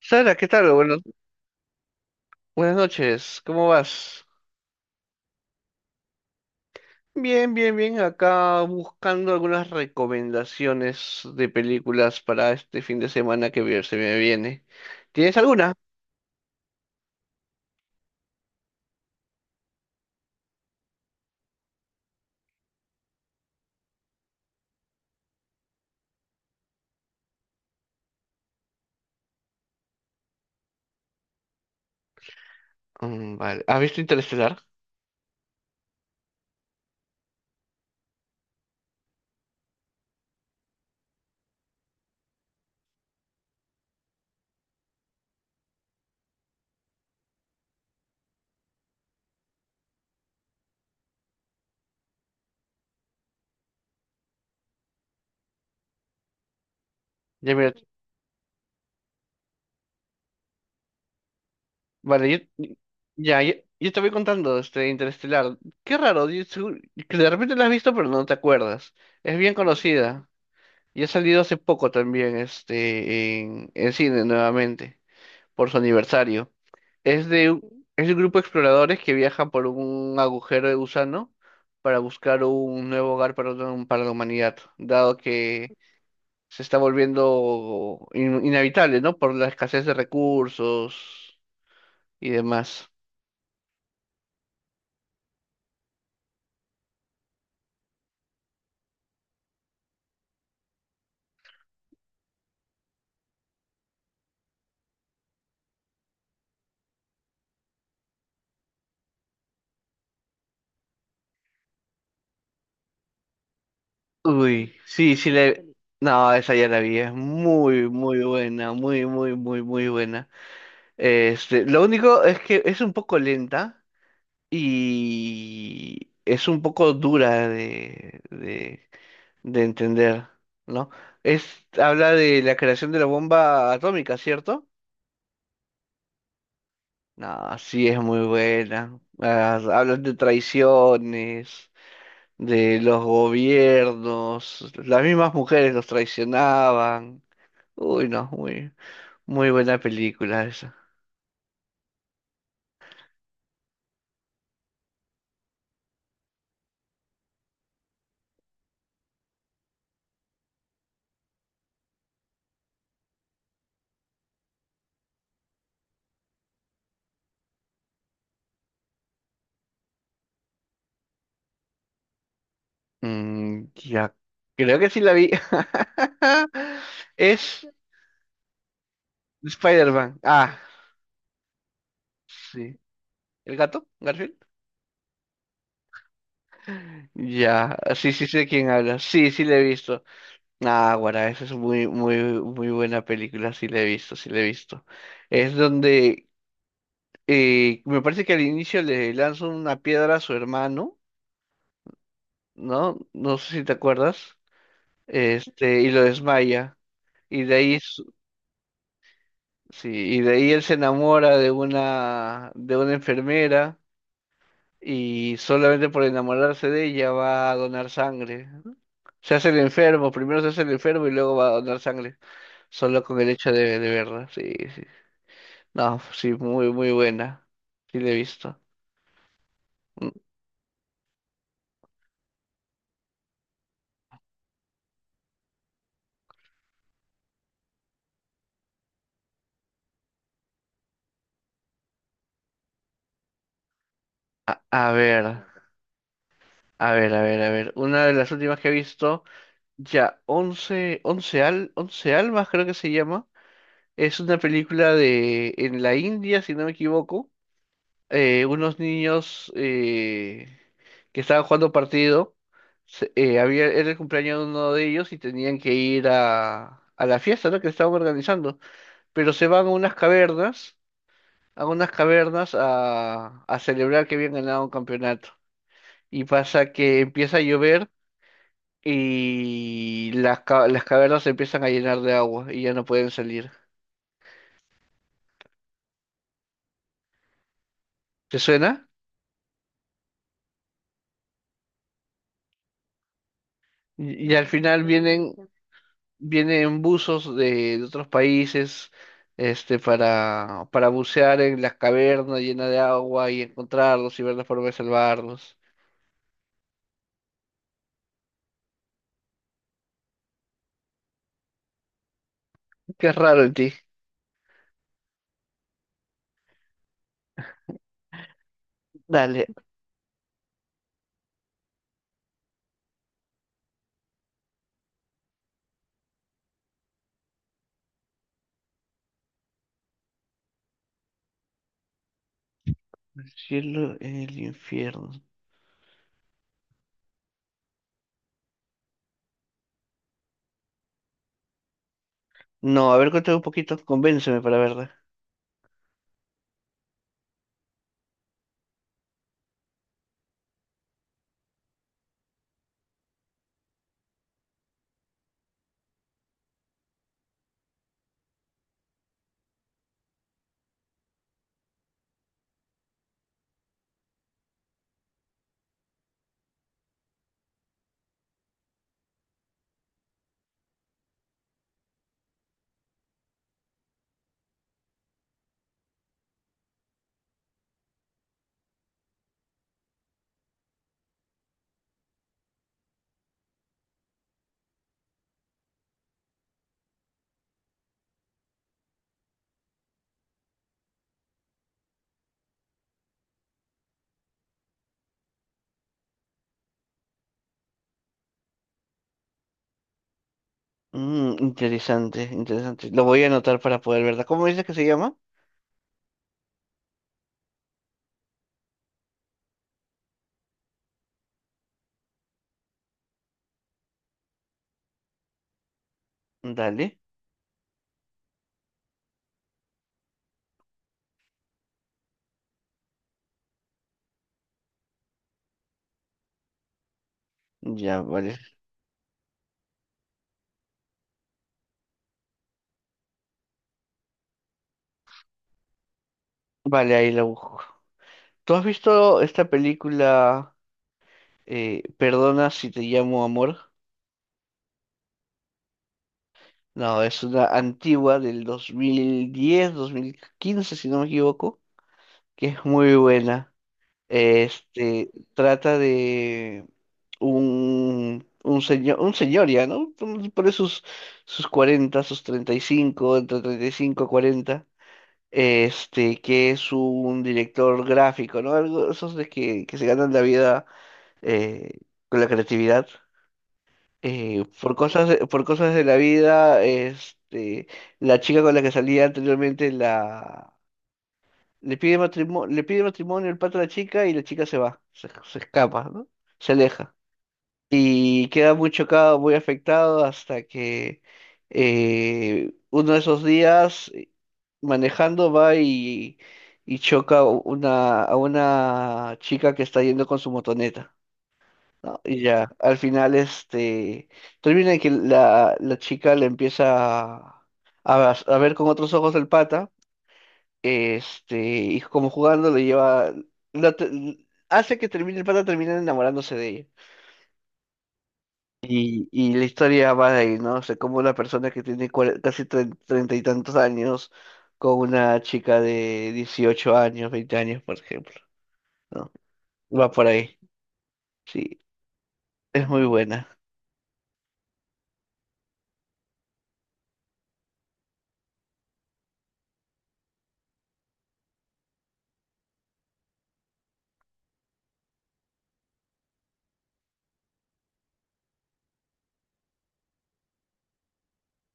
Sara, ¿qué tal? Buenas, buenas noches, ¿cómo vas? Bien, bien, bien. Acá buscando algunas recomendaciones de películas para este fin de semana que se me viene. ¿Tienes alguna? Mm, vale. ¿Has visto Interestelar? Ya, mira. Vale, ya, yo te voy contando este Interestelar. Qué raro, que de repente la has visto pero no te acuerdas. Es bien conocida y ha salido hace poco también en cine nuevamente por su aniversario. Es de es un grupo de exploradores que viaja por un agujero de gusano para buscar un nuevo hogar para, para la humanidad, dado que se está volviendo inhabitable, ¿no? Por la escasez de recursos y demás. Uy, sí, sí le... No, esa ya la vi, es muy, muy buena, muy, muy, muy, muy buena. Lo único es que es un poco lenta y es un poco dura de entender, ¿no? Es, Habla de la creación de la bomba atómica, ¿cierto? No, sí es muy buena. Ah, hablan de traiciones, de los gobiernos, las mismas mujeres los traicionaban. Uy, no, muy, muy buena película esa. Ya, creo que sí la vi. Es Spider-Man. Ah, sí. ¿El gato? ¿Garfield? Ya, sí, sí sé de quién habla. Sí, sí le he visto. Ah, guará, esa es muy, muy, muy buena película, sí la he visto, sí la he visto. Es donde me parece que al inicio le lanza una piedra a su hermano, ¿no? No sé si te acuerdas, y lo desmaya. Y de ahí, sí, y de ahí él se enamora de una enfermera y solamente por enamorarse de ella va a donar sangre. Se hace el enfermo, primero se hace el enfermo y luego va a donar sangre, solo con el hecho de verla, sí, sí. No, pues sí, muy, muy buena. Sí, la he visto. Mm, A ver. Mm. A ver, a ver, a ver. Una de las últimas que he visto, ya, Once Almas creo que se llama. Es una película en la India, si no me equivoco. Unos niños que estaban jugando partido. Era el cumpleaños de uno de ellos y tenían que ir a la fiesta, ¿no?, que estaban organizando. Pero se van a unas cavernas a celebrar que habían ganado un campeonato. Y pasa que empieza a llover y las cavernas se empiezan a llenar de agua y ya no pueden salir. ¿Te suena? Y al final vienen buzos de otros países, para bucear en las cavernas llenas de agua y encontrarlos y ver la forma de salvarlos. Qué raro en ti. Dale. El cielo, el infierno. No, a ver, cuéntame un poquito, convénceme para verla. Mm, interesante, interesante. Lo voy a anotar para poder verla. ¿Cómo dices que se llama? Dale, ya, vale. Vale, ahí la busco. ¿Tú has visto esta película, Perdona si te llamo amor? No, es una antigua del 2010, 2015 si no me equivoco, que es muy buena. Este, trata de un señor ya, ¿no? Por sus 40, sus 35, entre 35 y 40, que es un director gráfico, ¿no? Algo, esos de que se ganan la vida eh, con la creatividad. Por cosas, por cosas de la vida, la chica con la que salía anteriormente le pide matrimonio, el pato a la chica, y la chica se va, se escapa, ¿no? Se aleja. Y queda muy chocado, muy afectado hasta que uno de esos días manejando va y choca a una chica que está yendo con su motoneta, ¿no? Y ya, al final, termina en que la chica le empieza a ver con otros ojos el pata, y como jugando le lleva, la te- hace que termine, el pata termina enamorándose de ella. Y la historia va de ahí, ¿no? O sea, como una persona que tiene casi treinta y tantos años con una chica de 18 años, 20 años, por ejemplo, ¿no? Va por ahí. Sí, es muy buena.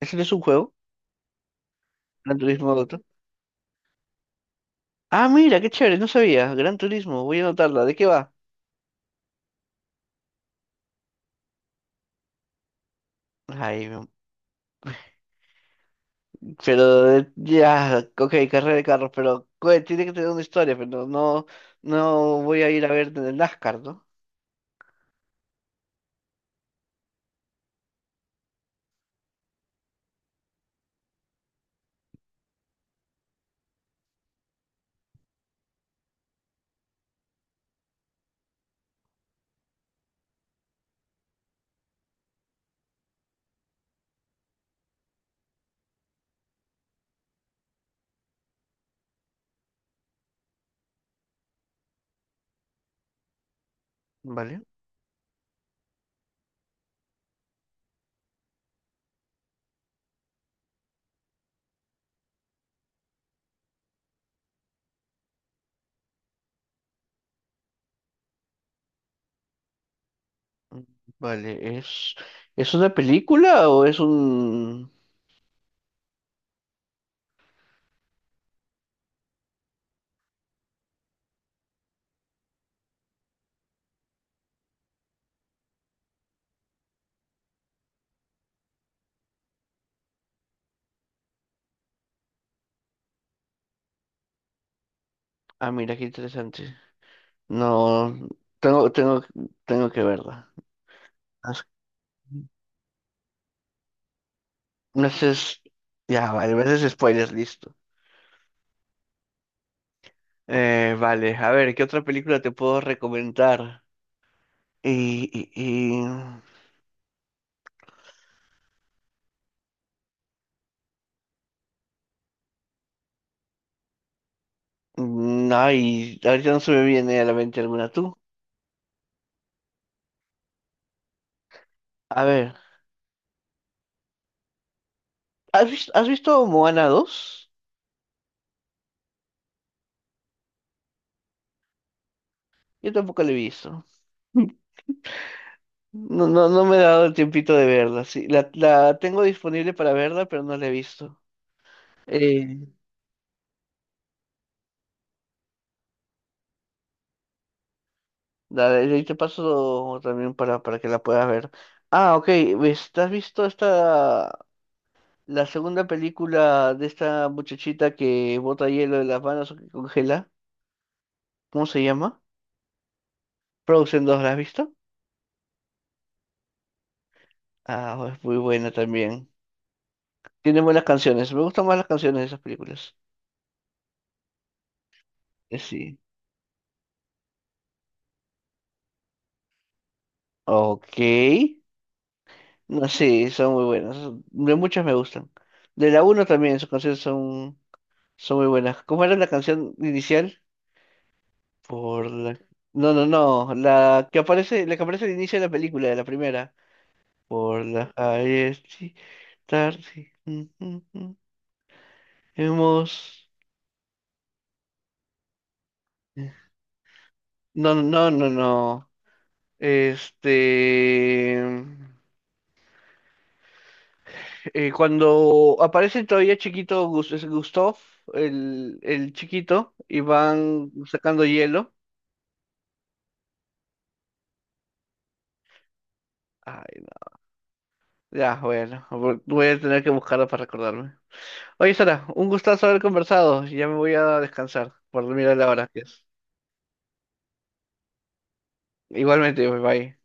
¿Ese no es un juego? Gran Turismo Auto. Ah, mira, qué chévere, no sabía. Gran Turismo, voy a anotarla. ¿De qué va? Ay, pero ya, ok, carrera de carros, pero tiene que tener una historia, pero no, no voy a ir a ver en el NASCAR, ¿no? ¿Vale? Mm, Vale, ¿es una película o es un... Ah, mira, qué interesante. No, tengo, tengo, tengo que verla. Haz- No sé, ya, vale, me haces spoilers, listo. Vale, a ver, ¿qué otra película te puedo recomendar? Y, y, y... Ay, ahorita no se me viene a la mente alguna tú. A ver, ¿has visto Moana 2? Yo tampoco la he visto. No, no, no me he dado el tiempito de verla. Sí, la tengo disponible para verla, pero no la he visto. Eh, Dale, ahí te paso también para que la puedas ver. Ah, ok. ¿Has visto esta, la segunda película de esta muchachita que bota hielo de las manos o que congela? ¿Cómo se llama? Frozen 2, ¿la has visto? Ah, es muy buena también. Tiene buenas canciones. Me gustan más las canciones de esas películas. Sí. Ok. No, sí, son muy buenas. De muchas me gustan. De la uno también, sus canciones son muy buenas. ¿Cómo era la canción inicial? Por la... No, no, no. La que aparece al inicio de la película, de la primera. Por la calles sí, tarde. Hemos. No, no, no, no. No. Este. Cuando aparece todavía chiquito, es Gustav, el chiquito, y van sacando hielo. Ay, no. Ya, bueno, voy a tener que buscarlo para recordarme. Oye, Sara, un gustazo haber conversado. Ya me voy a descansar por mirar la hora que es. Igualmente, bye bye.